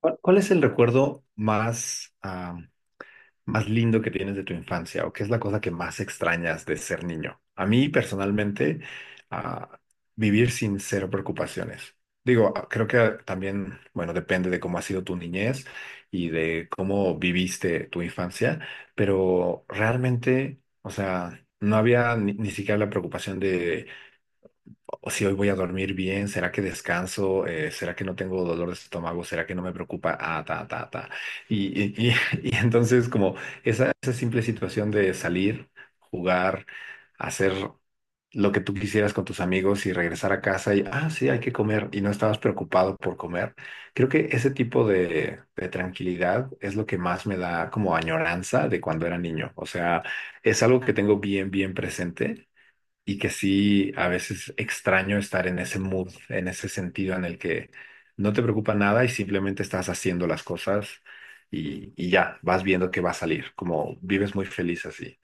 ¿Cuál es el recuerdo más, más lindo que tienes de tu infancia o qué es la cosa que más extrañas de ser niño? A mí personalmente, ah, vivir sin cero preocupaciones. Digo, creo que también, bueno, depende de cómo ha sido tu niñez y de cómo viviste tu infancia, pero realmente, o sea, no había ni siquiera la preocupación de o si hoy voy a dormir bien, ¿será que descanso? ¿Será que no tengo dolor de estómago? ¿Será que no me preocupa? Ah, ta, ta, ta. Y, y, y- y entonces como esa simple situación de salir, jugar, hacer lo que tú quisieras con tus amigos y regresar a casa y, ah, sí, hay que comer y no estabas preocupado por comer. Creo que ese tipo de tranquilidad es lo que más me da como añoranza de cuando era niño. O sea, es algo que tengo bien, bien presente y que sí, a veces extraño estar en ese mood, en ese sentido en el que no te preocupa nada y simplemente estás haciendo las cosas y ya, vas viendo que va a salir, como vives muy feliz así.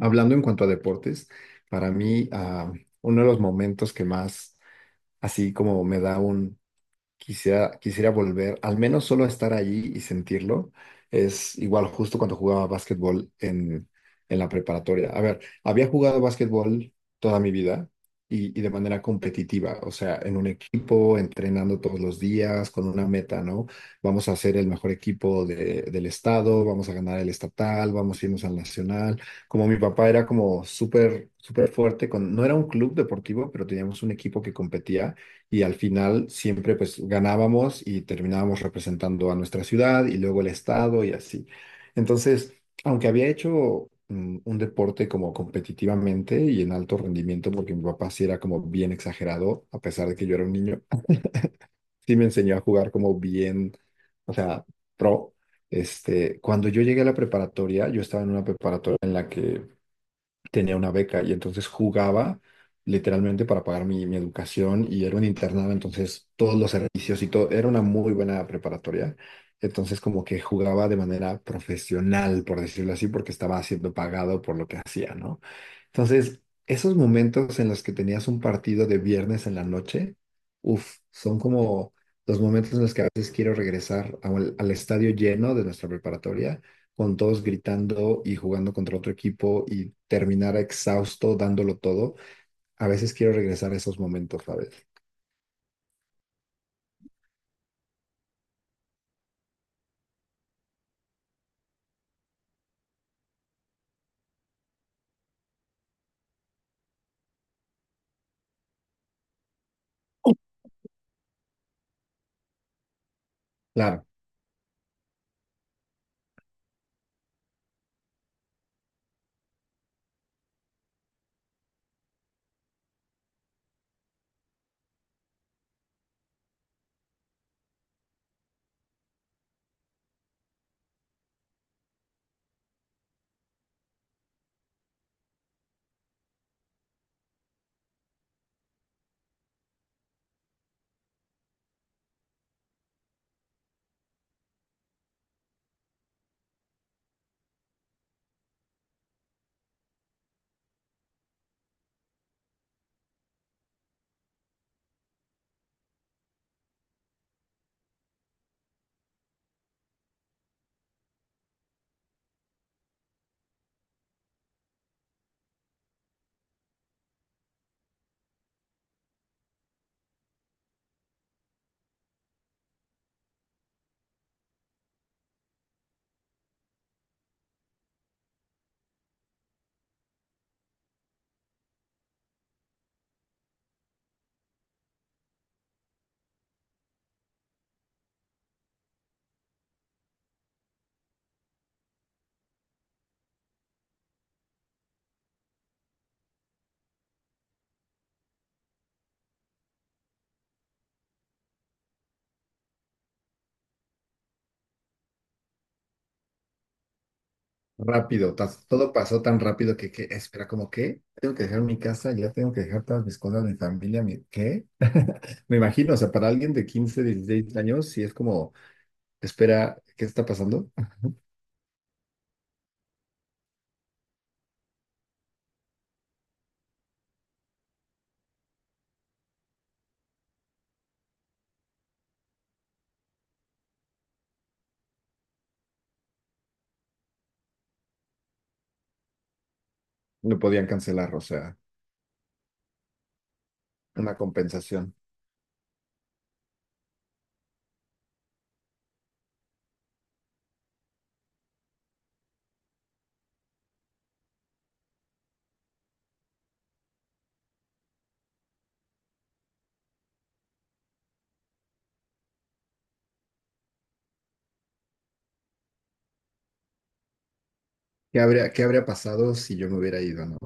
Hablando en cuanto a deportes, para mí uno de los momentos que más así como me da un... Quisiera volver, al menos solo a estar allí y sentirlo. Es igual justo cuando jugaba básquetbol en la preparatoria. A ver, había jugado básquetbol toda mi vida y de manera competitiva, o sea, en un equipo, entrenando todos los días con una meta, ¿no? Vamos a ser el mejor equipo del estado, vamos a ganar el estatal, vamos a irnos al nacional. Como mi papá era como súper, súper fuerte, con, no era un club deportivo, pero teníamos un equipo que competía y al final siempre pues ganábamos y terminábamos representando a nuestra ciudad y luego el estado y así. Entonces, aunque había hecho un deporte como competitivamente y en alto rendimiento, porque mi papá sí era como bien exagerado, a pesar de que yo era un niño, sí me enseñó a jugar como bien, o sea, pro. Este, cuando yo llegué a la preparatoria, yo estaba en una preparatoria en la que tenía una beca y entonces jugaba literalmente para pagar mi, mi educación y era un internado, entonces todos los servicios y todo, era una muy buena preparatoria, entonces como que jugaba de manera profesional, por decirlo así, porque estaba siendo pagado por lo que hacía, ¿no? Entonces, esos momentos en los que tenías un partido de viernes en la noche, uff, son como los momentos en los que a veces quiero regresar al estadio lleno de nuestra preparatoria con todos gritando y jugando contra otro equipo y terminar exhausto dándolo todo. A veces quiero regresar a esos momentos, ¿sabes? Claro, rápido, todo pasó tan rápido que espera, como que tengo que dejar mi casa, ya tengo que dejar todas mis cosas, mi familia, mi, ¿qué? Me imagino, o sea, para alguien de 15 16 años, sí es como, espera, ¿qué está pasando? No podían cancelar, o sea, una compensación. Qué habría pasado si yo me hubiera ido, no?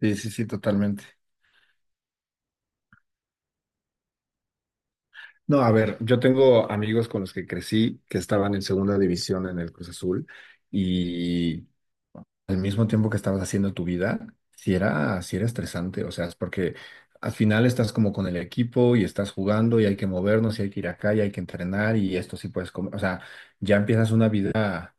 Sí, sí, sí, totalmente. No, a ver, yo tengo amigos con los que crecí que estaban en segunda división en el Cruz Azul y al mismo tiempo que estabas haciendo tu vida, si era, sí era estresante, o sea, es porque al final estás como con el equipo y estás jugando y hay que movernos y hay que ir acá y hay que entrenar y esto sí puedes comer, o sea, ya empiezas una vida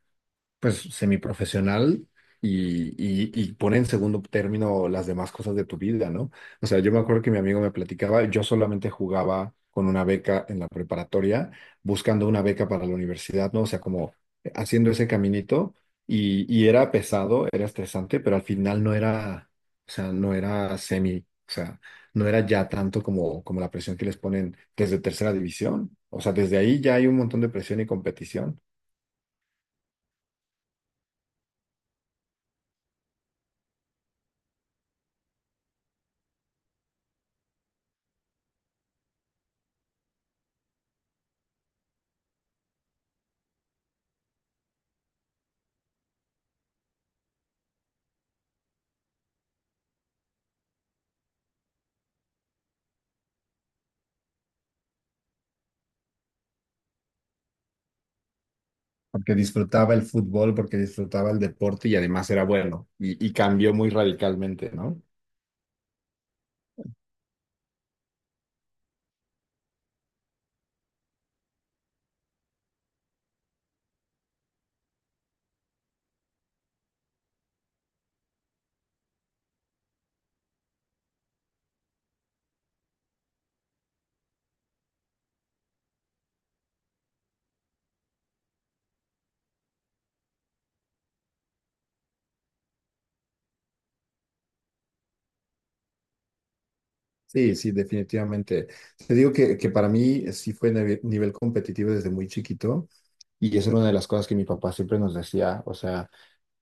pues semiprofesional y, y pone en segundo término las demás cosas de tu vida, ¿no? O sea, yo me acuerdo que mi amigo me platicaba, yo solamente jugaba con una beca en la preparatoria, buscando una beca para la universidad, ¿no? O sea, como haciendo ese caminito y era pesado, era estresante, pero al final no era, o sea, no era semi, o sea, no era ya tanto como, como la presión que les ponen desde tercera división. O sea, desde ahí ya hay un montón de presión y competición. Porque disfrutaba el fútbol, porque disfrutaba el deporte y además era bueno y cambió muy radicalmente, ¿no? Sí, sí, definitivamente. Te digo que para mí sí fue nivel competitivo desde muy chiquito y eso era una de las cosas que mi papá siempre nos decía, o sea...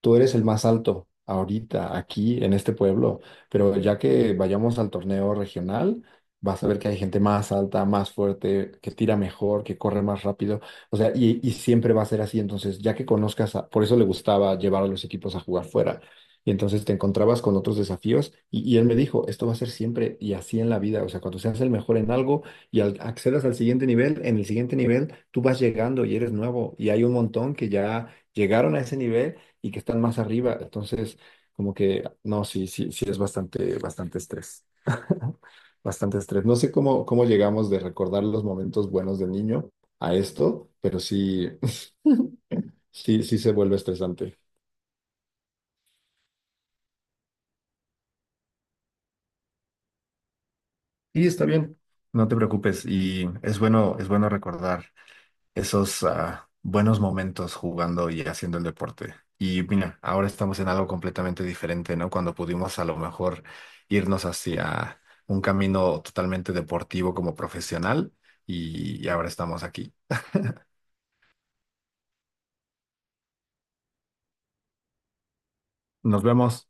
Tú eres el más alto ahorita, aquí, en este pueblo, pero ya que vayamos al torneo regional, vas a ver que hay gente más alta, más fuerte, que tira mejor, que corre más rápido, o sea, y siempre va a ser así, entonces, ya que conozcas, por eso le gustaba llevar a los equipos a jugar fuera, y entonces te encontrabas con otros desafíos, y él me dijo, esto va a ser siempre y así en la vida, o sea, cuando seas el mejor en algo y accedas al siguiente nivel, en el siguiente nivel tú vas llegando y eres nuevo, y hay un montón que ya llegaron a ese nivel y que están más arriba. Entonces, como que, no, sí, sí, sí es bastante, bastante estrés. Bastante estrés. No sé cómo llegamos de recordar los momentos buenos de niño a esto, pero sí, sí, sí se vuelve estresante. Y está bien, no te preocupes. Y es bueno recordar esos buenos momentos jugando y haciendo el deporte. Y mira, ahora estamos en algo completamente diferente, ¿no? Cuando pudimos a lo mejor irnos hacia un camino totalmente deportivo como profesional y ahora estamos aquí. Nos vemos.